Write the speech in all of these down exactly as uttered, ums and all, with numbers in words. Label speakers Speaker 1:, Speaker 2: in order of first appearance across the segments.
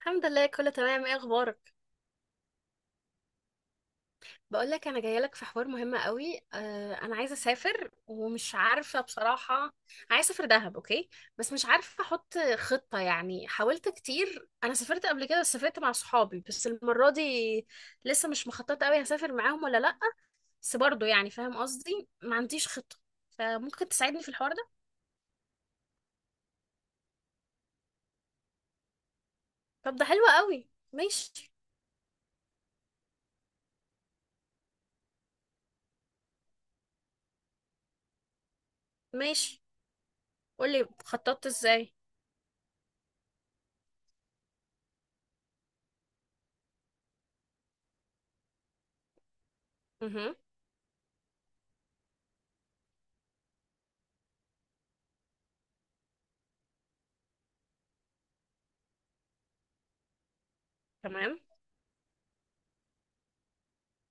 Speaker 1: الحمد لله، كله تمام. ايه اخبارك؟ بقول لك انا جايه لك في حوار مهم قوي. آه انا عايزه اسافر ومش عارفه بصراحه. عايزه اسافر دهب. اوكي، بس مش عارفه احط خطه، يعني حاولت كتير. انا سافرت قبل كده بس سافرت مع صحابي، بس المره دي لسه مش مخططه قوي هسافر معاهم ولا لا. بس برضه يعني فاهم قصدي، ما عنديش خطه، فممكن تساعدني في الحوار ده؟ طب ده حلو قوي، ماشي. ماشي، قولي خططت ازاي. اها، تمام.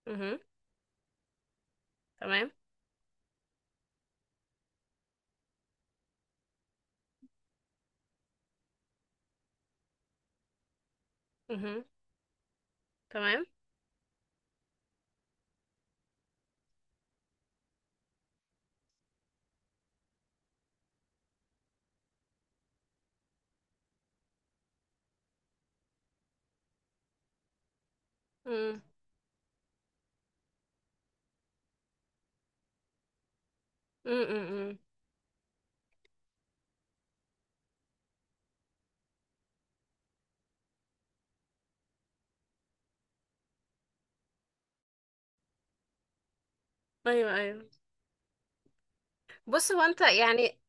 Speaker 1: اها، تمام. اها، تمام. امم، امم، امم، امم. ايوه، ايوه. بص هو انت يعني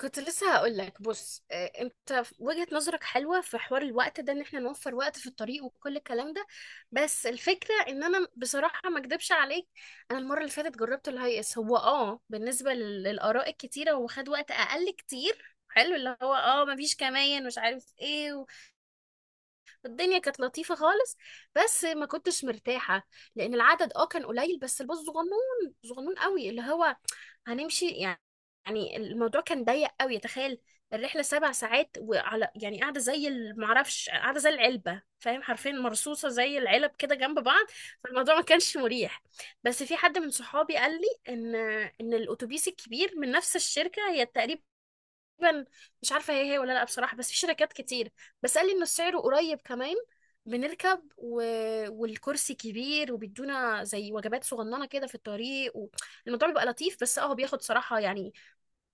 Speaker 1: كنت لسه هقول لك. بص آه، انت في- وجهة نظرك حلوه في حوار الوقت ده، ان احنا نوفر وقت في الطريق وكل الكلام ده. بس الفكره ان انا بصراحه ما اكدبش عليك، انا المره اللي فاتت جربت الهاي اس، هو اه بالنسبه لل- للاراء الكتيره هو خد وقت اقل كتير، حلو، اللي هو اه مفيش كمان مش عارف ايه، والدنيا كانت لطيفه خالص. بس ما كنتش مرتاحه، لان العدد اه كان قليل، بس الباص صغنون صغنون قوي، اللي هو هنمشي يعني. يعني الموضوع كان ضيق قوي، تخيل، الرحلة سبع ساعات، وعلى يعني قاعدة زي ال- معرفش، قاعدة زي العلبة، فاهم، حرفيا مرصوصة زي العلب كده جنب بعض. فالموضوع ما كانش مريح. بس في حد من صحابي قال لي ان ان الاتوبيس الكبير من نفس الشركة هي تقريبا تقريبا مش عارفه هي هي ولا لا بصراحه، بس في شركات كتير. بس قال لي انه سعره قريب كمان، بنركب، و... والكرسي كبير وبيدونا زي وجبات صغننه كده في الطريق، و... الموضوع بيبقى لطيف. بس اه هو بياخد صراحه يعني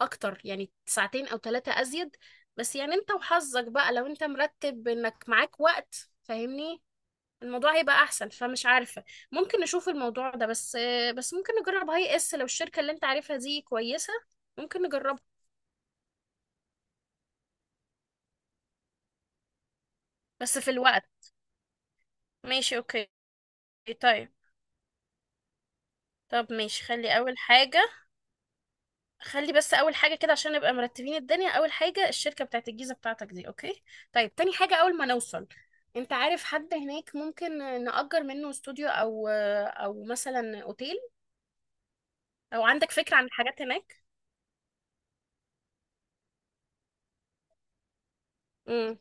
Speaker 1: اكتر، يعني ساعتين او ثلاثه ازيد. بس يعني انت وحظك بقى، لو انت مرتب انك معاك وقت فاهمني، الموضوع هيبقى احسن. فمش عارفه، ممكن نشوف الموضوع ده. بس بس ممكن نجرب هاي اس لو الشركه اللي انت عارفها دي كويسه، ممكن نجربها، بس في الوقت. ماشي، اوكي. إيه طيب؟ طب ماشي، خلي اول حاجة، خلي بس اول حاجة كده عشان نبقى مرتبين الدنيا. اول حاجة الشركة بتاعت الجيزة بتاعتك دي. اوكي، طيب تاني حاجة، اول ما نوصل انت عارف حد هناك ممكن نأجر منه استوديو او او مثلا اوتيل، او عندك فكرة عن الحاجات هناك؟ امم،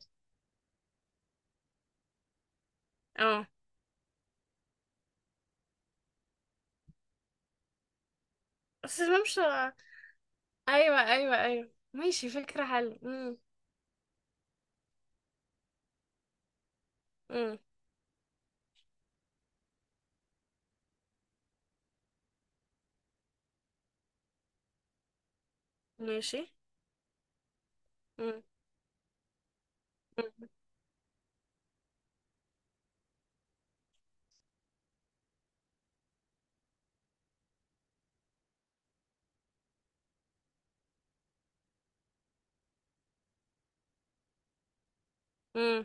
Speaker 1: اه. بس مش آه. ايوه ايوه ايوه، ماشي فكرة حلوة. امم، امم. ماشي. امم، امم.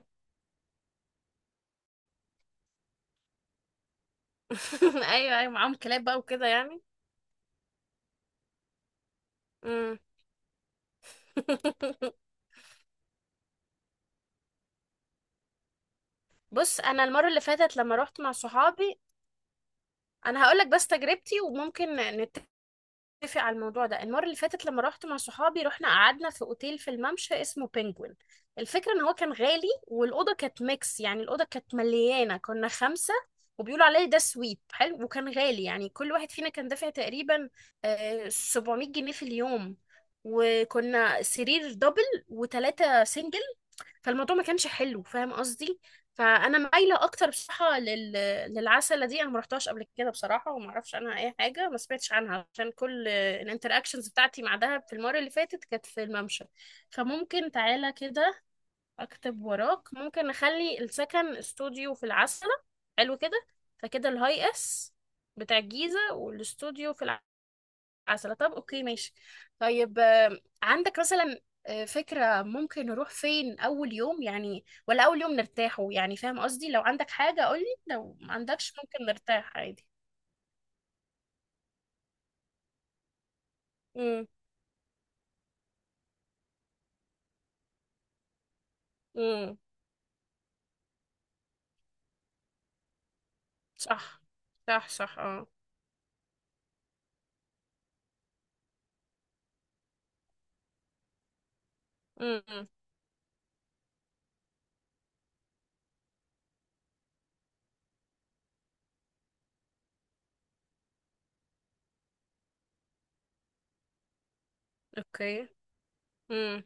Speaker 1: ايوه ايوه، معاهم كلاب بقى وكده يعني. امم. بص انا المره اللي فاتت لما روحت مع صحابي، انا هقول لك بس تجربتي وممكن نتفق على الموضوع ده. المره اللي فاتت لما روحت مع صحابي رحنا قعدنا في اوتيل في الممشى اسمه بينجوين. الفكره ان هو كان غالي، والاوضه كانت ميكس يعني، الاوضه كانت مليانه، كنا خمسه، وبيقولوا عليه ده سويت حلو، وكان غالي يعني. كل واحد فينا كان دافع تقريبا آه، سبعمائة جنيه في اليوم. وكنا سرير دبل وثلاثة سنجل، فالموضوع ما كانش حلو فاهم قصدي. فانا مايله اكتر بصراحه لل... للعسله دي، انا ما رحتهاش قبل كده بصراحه، وما اعرفش عنها اي حاجه، ما سمعتش عنها، عشان كل الانتراكشنز بتاعتي مع دهب في المره اللي فاتت كانت في الممشى. فممكن تعالى كده اكتب وراك، ممكن نخلي السكن استوديو في العسله. حلو كده. فكده الهاي اس بتاع الجيزه، والاستوديو في العسله. عسلة، طب اوكي ماشي. طيب آه، عندك مثلا آه، فكرة ممكن نروح فين أول يوم؟ يعني، ولا أول يوم نرتاحه يعني، فاهم قصدي؟ لو عندك حاجة قولي، لو ما عندكش ممكن نرتاح عادي. امم، امم. صح صح. صح، اه. امم. اوكي. امم.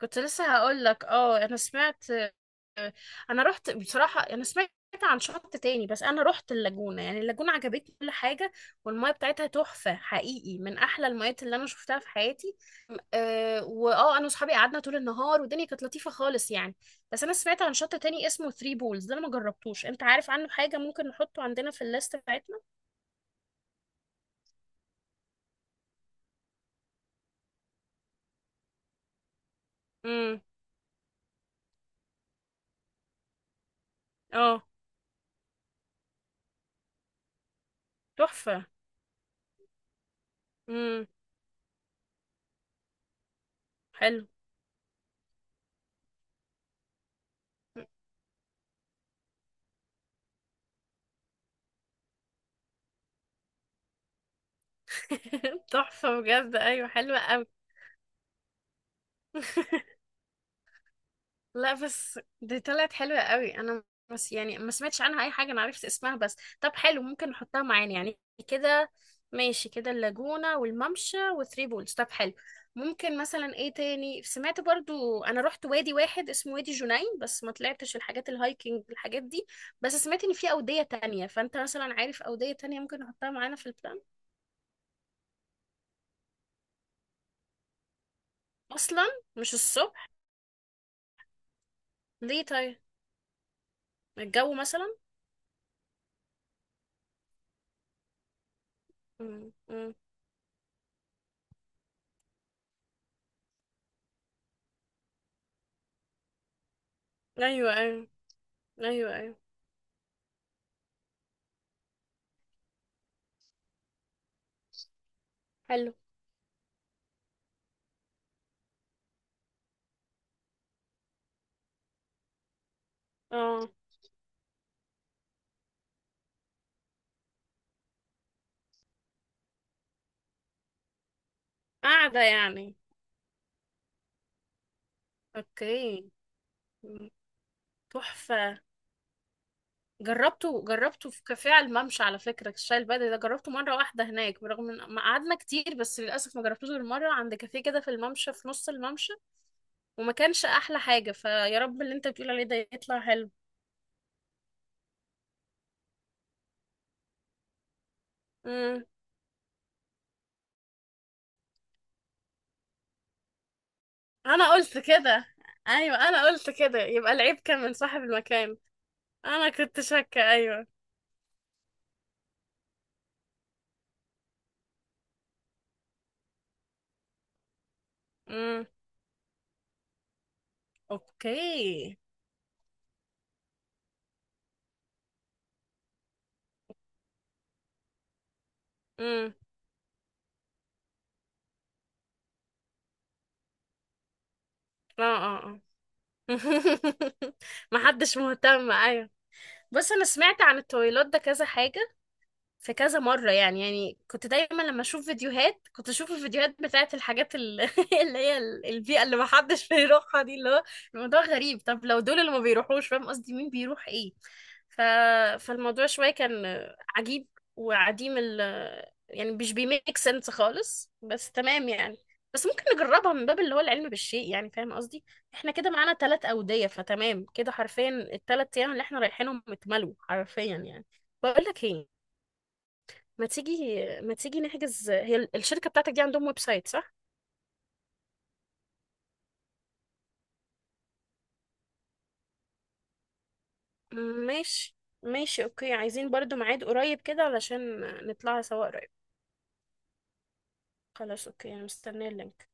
Speaker 1: كنت لسه هقول لك، اه انا سمعت، انا رحت بصراحه. انا سمعت عن شط تاني، بس انا رحت اللاجونه، يعني اللاجونه عجبتني كل حاجه، والميه بتاعتها تحفه حقيقي، من احلى الميات اللي انا شفتها في حياتي. أه، واه انا واصحابي قعدنا طول النهار والدنيا كانت لطيفه خالص يعني. بس انا سمعت عن شط تاني اسمه ثري بولز، ده انا ما جربتوش، انت عارف عنه حاجه؟ ممكن نحطه عندنا في الليست بتاعتنا. امم، اه. تحفه. امم، حلو. تحفه بجد، ايوه حلوه قوي. لا بس دي طلعت حلوة قوي، انا بس يعني ما سمعتش عنها اي حاجة، انا عرفت اسمها بس. طب حلو، ممكن نحطها معانا يعني كده. ماشي، كده اللاجونة والممشى وثري بولز، طب حلو. ممكن مثلا ايه تاني؟ سمعت برضو، انا رحت وادي واحد اسمه وادي جنين، بس ما طلعتش الحاجات الهايكنج الحاجات دي. بس سمعت ان في اودية تانية، فانت مثلا عارف اودية تانية ممكن نحطها معانا في البلان؟ اصلا، مش الصبح؟ ليه طيب؟ الجو مثلا؟ امم، أمم. ايوه ايوه. ايوه ايوه. حلو. اه. قاعدة يعني. اوكي. م- تحفة. جربته، جربته في كافيه على الممشى على فكرة، الشاي البدري ده جربته مرة واحدة هناك، برغم ان ما قعدنا كتير، بس للأسف ما جربتوش غير مرة عند كافيه كده في الممشى في نص الممشى، وما كانش أحلى حاجة، فيا رب اللي انت بتقول عليه ده يطلع حلو. مم. أنا قلت كده، أيوة أنا قلت كده، يبقى العيب كان من صاحب المكان. أنا كنت شاكة، أيوة. مم. اوكي. مم. اه اه اه. محدش مهتم، ايوه. بص انا سمعت عن الطويلات ده كذا حاجه، في كذا مره، يعني يعني كنت دايما لما اشوف فيديوهات كنت اشوف الفيديوهات بتاعت الحاجات ال- اللي هي ال- البيئه اللي محدش بيروحها دي، اللي هو الموضوع غريب. طب لو دول اللي ما بيروحوش فاهم قصدي، مين بيروح ايه؟ ف... فالموضوع شوية كان عجيب، وعديم ال، يعني مش بيميك سنس خالص. بس تمام يعني، بس ممكن نجربها من باب اللي هو العلم بالشيء، يعني فاهم قصدي. احنا كده معانا ثلاث أودية، فتمام كده، حرفيا الثلاث أيام اللي احنا رايحينهم اتملوا حرفيا يعني. بقول لك ايه، ما تيجي ما تيجي نحجز، هي ال- الشركة بتاعتك دي عندهم ويب سايت صح؟ ماشي. ماشي اوكي، عايزين برضو ميعاد قريب كده علشان نطلع سوا قريب. خلاص اوكي، انا مستنيه اللينك.